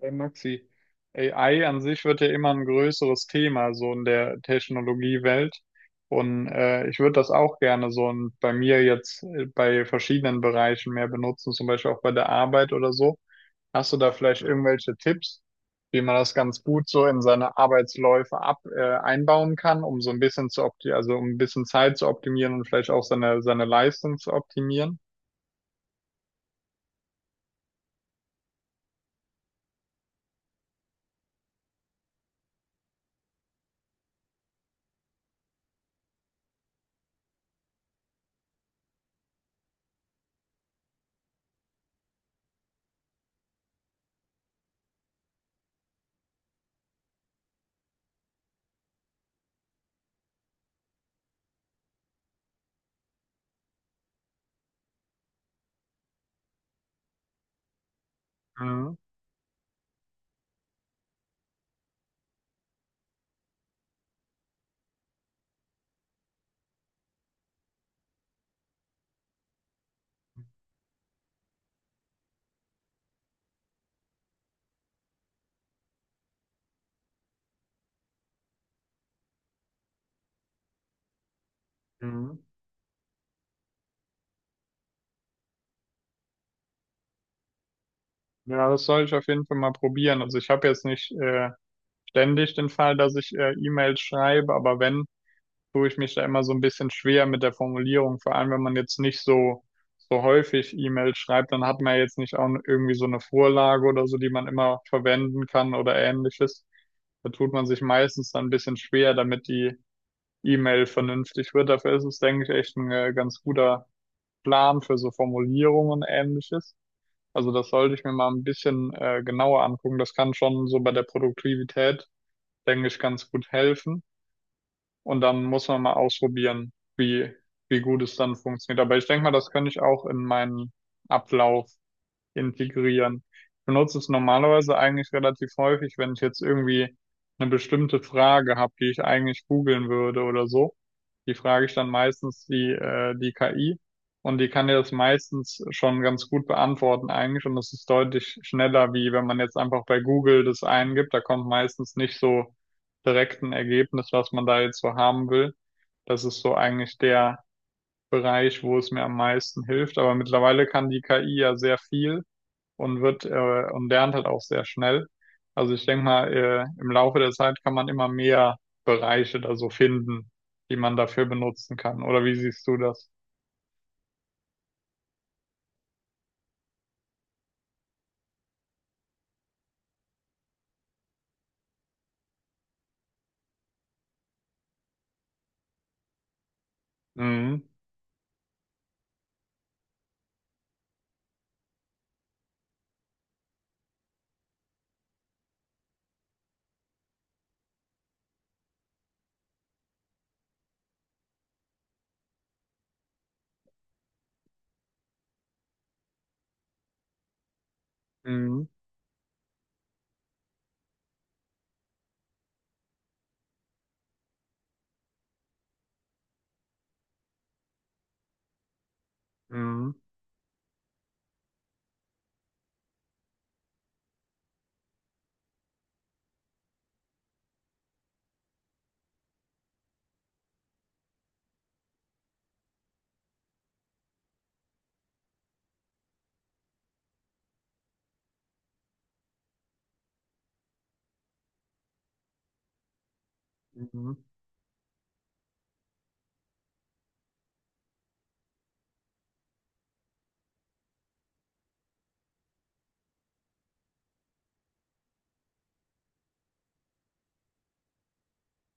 Hey Maxi, AI an sich wird ja immer ein größeres Thema so in der Technologiewelt und ich würde das auch gerne so und bei mir jetzt bei verschiedenen Bereichen mehr benutzen, zum Beispiel auch bei der Arbeit oder so. Hast du da vielleicht irgendwelche Tipps, wie man das ganz gut so in seine Arbeitsläufe ab einbauen kann, um so ein bisschen zu opti also um ein bisschen Zeit zu optimieren und vielleicht auch seine Leistung zu optimieren? Mhm. Mhm. Ja, das soll ich auf jeden Fall mal probieren. Also ich habe jetzt nicht ständig den Fall, dass ich E-Mails schreibe, aber wenn, tue ich mich da immer so ein bisschen schwer mit der Formulierung. Vor allem, wenn man jetzt nicht so, so häufig E-Mails schreibt, dann hat man ja jetzt nicht auch irgendwie so eine Vorlage oder so, die man immer verwenden kann oder ähnliches. Da tut man sich meistens dann ein bisschen schwer, damit die E-Mail vernünftig wird. Dafür ist es, denke ich, echt ein ganz guter Plan für so Formulierungen und ähnliches. Also das sollte ich mir mal ein bisschen genauer angucken. Das kann schon so bei der Produktivität, denke ich, ganz gut helfen. Und dann muss man mal ausprobieren, wie, wie gut es dann funktioniert. Aber ich denke mal, das könnte ich auch in meinen Ablauf integrieren. Ich benutze es normalerweise eigentlich relativ häufig, wenn ich jetzt irgendwie eine bestimmte Frage habe, die ich eigentlich googeln würde oder so. Die frage ich dann meistens die KI und die kann dir das meistens schon ganz gut beantworten eigentlich und das ist deutlich schneller, wie wenn man jetzt einfach bei Google das eingibt. Da kommt meistens nicht so direkt ein Ergebnis, was man da jetzt so haben will. Das ist so eigentlich der Bereich, wo es mir am meisten hilft. Aber mittlerweile kann die KI ja sehr viel und lernt halt auch sehr schnell. Also ich denke mal, im Laufe der Zeit kann man immer mehr Bereiche da so finden, die man dafür benutzen kann. Oder wie siehst du das? Mhm. Mhm. Mhm. Mhm.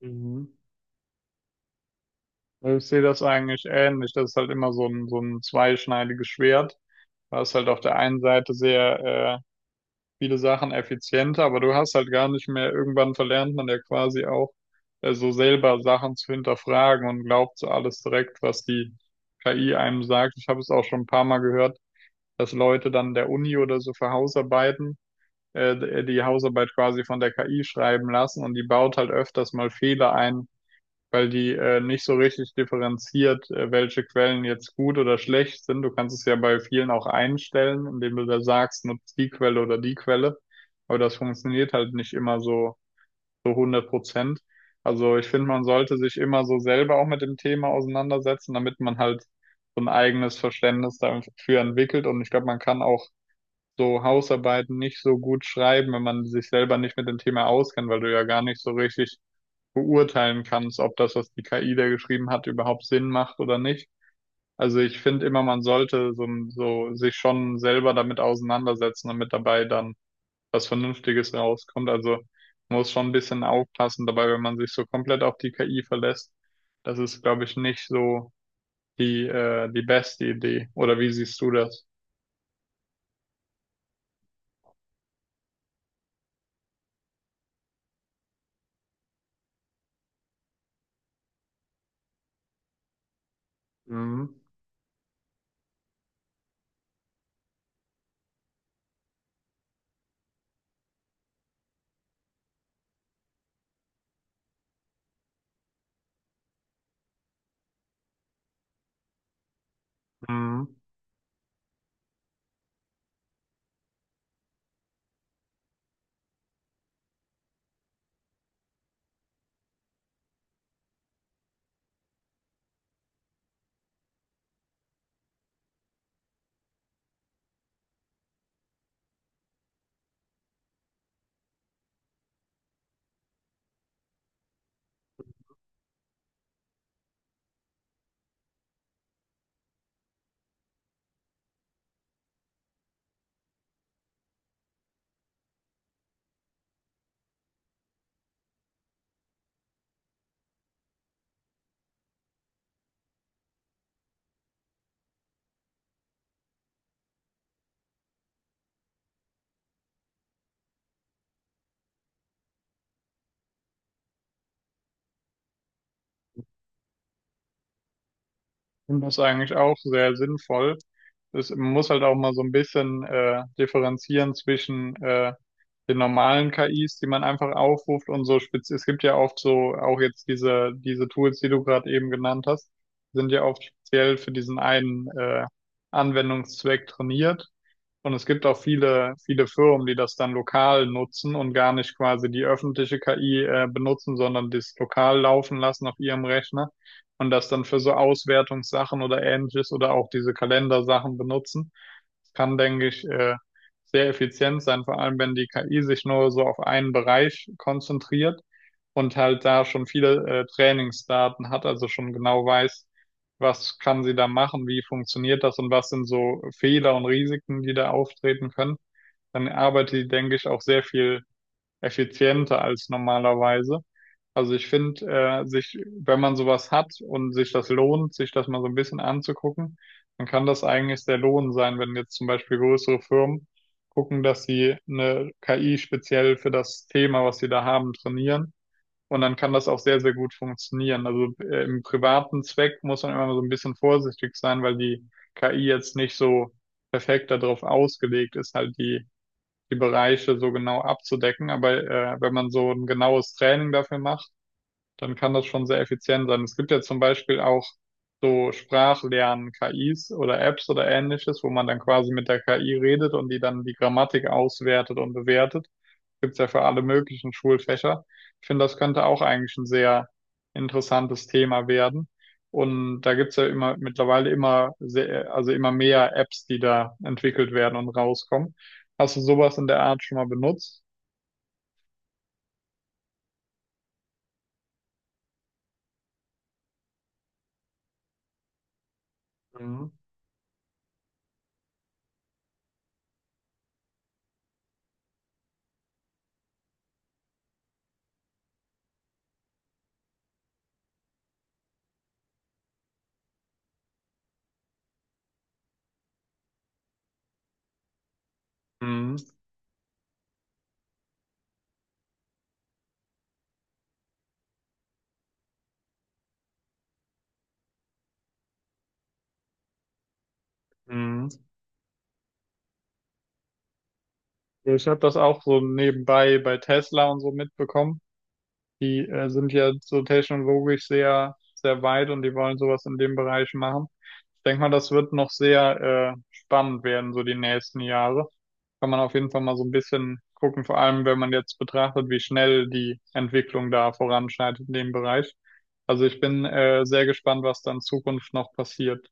Mhm. Ich sehe das eigentlich ähnlich. Das ist halt immer so ein zweischneidiges Schwert. Da ist halt auf der einen Seite sehr äh, viele Sachen effizienter, aber du hast halt gar nicht mehr, irgendwann verlernt man ja quasi auch, so selber Sachen zu hinterfragen und glaubt so alles direkt, was die KI einem sagt. Ich habe es auch schon ein paar Mal gehört, dass Leute dann der Uni oder so für Hausarbeiten, die Hausarbeit quasi von der KI schreiben lassen und die baut halt öfters mal Fehler ein, weil die nicht so richtig differenziert, welche Quellen jetzt gut oder schlecht sind. Du kannst es ja bei vielen auch einstellen, indem du da sagst, nutzt die Quelle oder die Quelle. Aber das funktioniert halt nicht immer so, so hundert Prozent. Also ich finde, man sollte sich immer so selber auch mit dem Thema auseinandersetzen, damit man halt so ein eigenes Verständnis dafür entwickelt. Und ich glaube, man kann auch so Hausarbeiten nicht so gut schreiben, wenn man sich selber nicht mit dem Thema auskennt, weil du ja gar nicht so richtig beurteilen kannst, ob das, was die KI da geschrieben hat, überhaupt Sinn macht oder nicht. Also ich finde immer, man sollte so sich schon selber damit auseinandersetzen, damit dabei dann was Vernünftiges rauskommt. Also man muss schon ein bisschen aufpassen dabei, wenn man sich so komplett auf die KI verlässt. Das ist, glaube ich, nicht so die beste Idee. Oder wie siehst du das? Mhm. Mhm. Und das ist eigentlich auch sehr sinnvoll. Man muss halt auch mal so ein bisschen differenzieren zwischen den normalen KIs, die man einfach aufruft und so spez es gibt ja oft so auch jetzt diese Tools, die du gerade eben genannt hast, sind ja oft speziell für diesen einen Anwendungszweck trainiert. Und es gibt auch viele, viele Firmen, die das dann lokal nutzen und gar nicht quasi die öffentliche KI benutzen, sondern das lokal laufen lassen auf ihrem Rechner und das dann für so Auswertungssachen oder ähnliches oder auch diese Kalendersachen benutzen. Das kann, denke ich, sehr effizient sein, vor allem wenn die KI sich nur so auf einen Bereich konzentriert und halt da schon viele Trainingsdaten hat, also schon genau weiß, was kann sie da machen, wie funktioniert das und was sind so Fehler und Risiken, die da auftreten können, dann arbeitet sie, denke ich, auch sehr viel effizienter als normalerweise. Also ich finde, wenn man sowas hat und sich das lohnt, sich das mal so ein bisschen anzugucken, dann kann das eigentlich der Lohn sein, wenn jetzt zum Beispiel größere Firmen gucken, dass sie eine KI speziell für das Thema, was sie da haben, trainieren und dann kann das auch sehr, sehr gut funktionieren. Also im privaten Zweck muss man immer so ein bisschen vorsichtig sein, weil die KI jetzt nicht so perfekt darauf ausgelegt ist, die Bereiche so genau abzudecken. Aber wenn man so ein genaues Training dafür macht, dann kann das schon sehr effizient sein. Es gibt ja zum Beispiel auch so Sprachlern-KIs oder Apps oder ähnliches, wo man dann quasi mit der KI redet und die dann die Grammatik auswertet und bewertet. Gibt es ja für alle möglichen Schulfächer. Ich finde, das könnte auch eigentlich ein sehr interessantes Thema werden. Und da gibt es ja immer mittlerweile immer sehr, also immer mehr Apps, die da entwickelt werden und rauskommen. Hast du sowas in der Art schon mal benutzt? Mhm. Mhm. Mhm. Ich habe das auch so nebenbei bei Tesla und so mitbekommen. Die sind ja so technologisch sehr, sehr weit und die wollen sowas in dem Bereich machen. Ich denke mal, das wird noch sehr spannend werden, so die nächsten Jahre. Kann man auf jeden Fall mal so ein bisschen gucken, vor allem wenn man jetzt betrachtet, wie schnell die Entwicklung da voranschreitet in dem Bereich. Also ich bin sehr gespannt, was da in Zukunft noch passiert.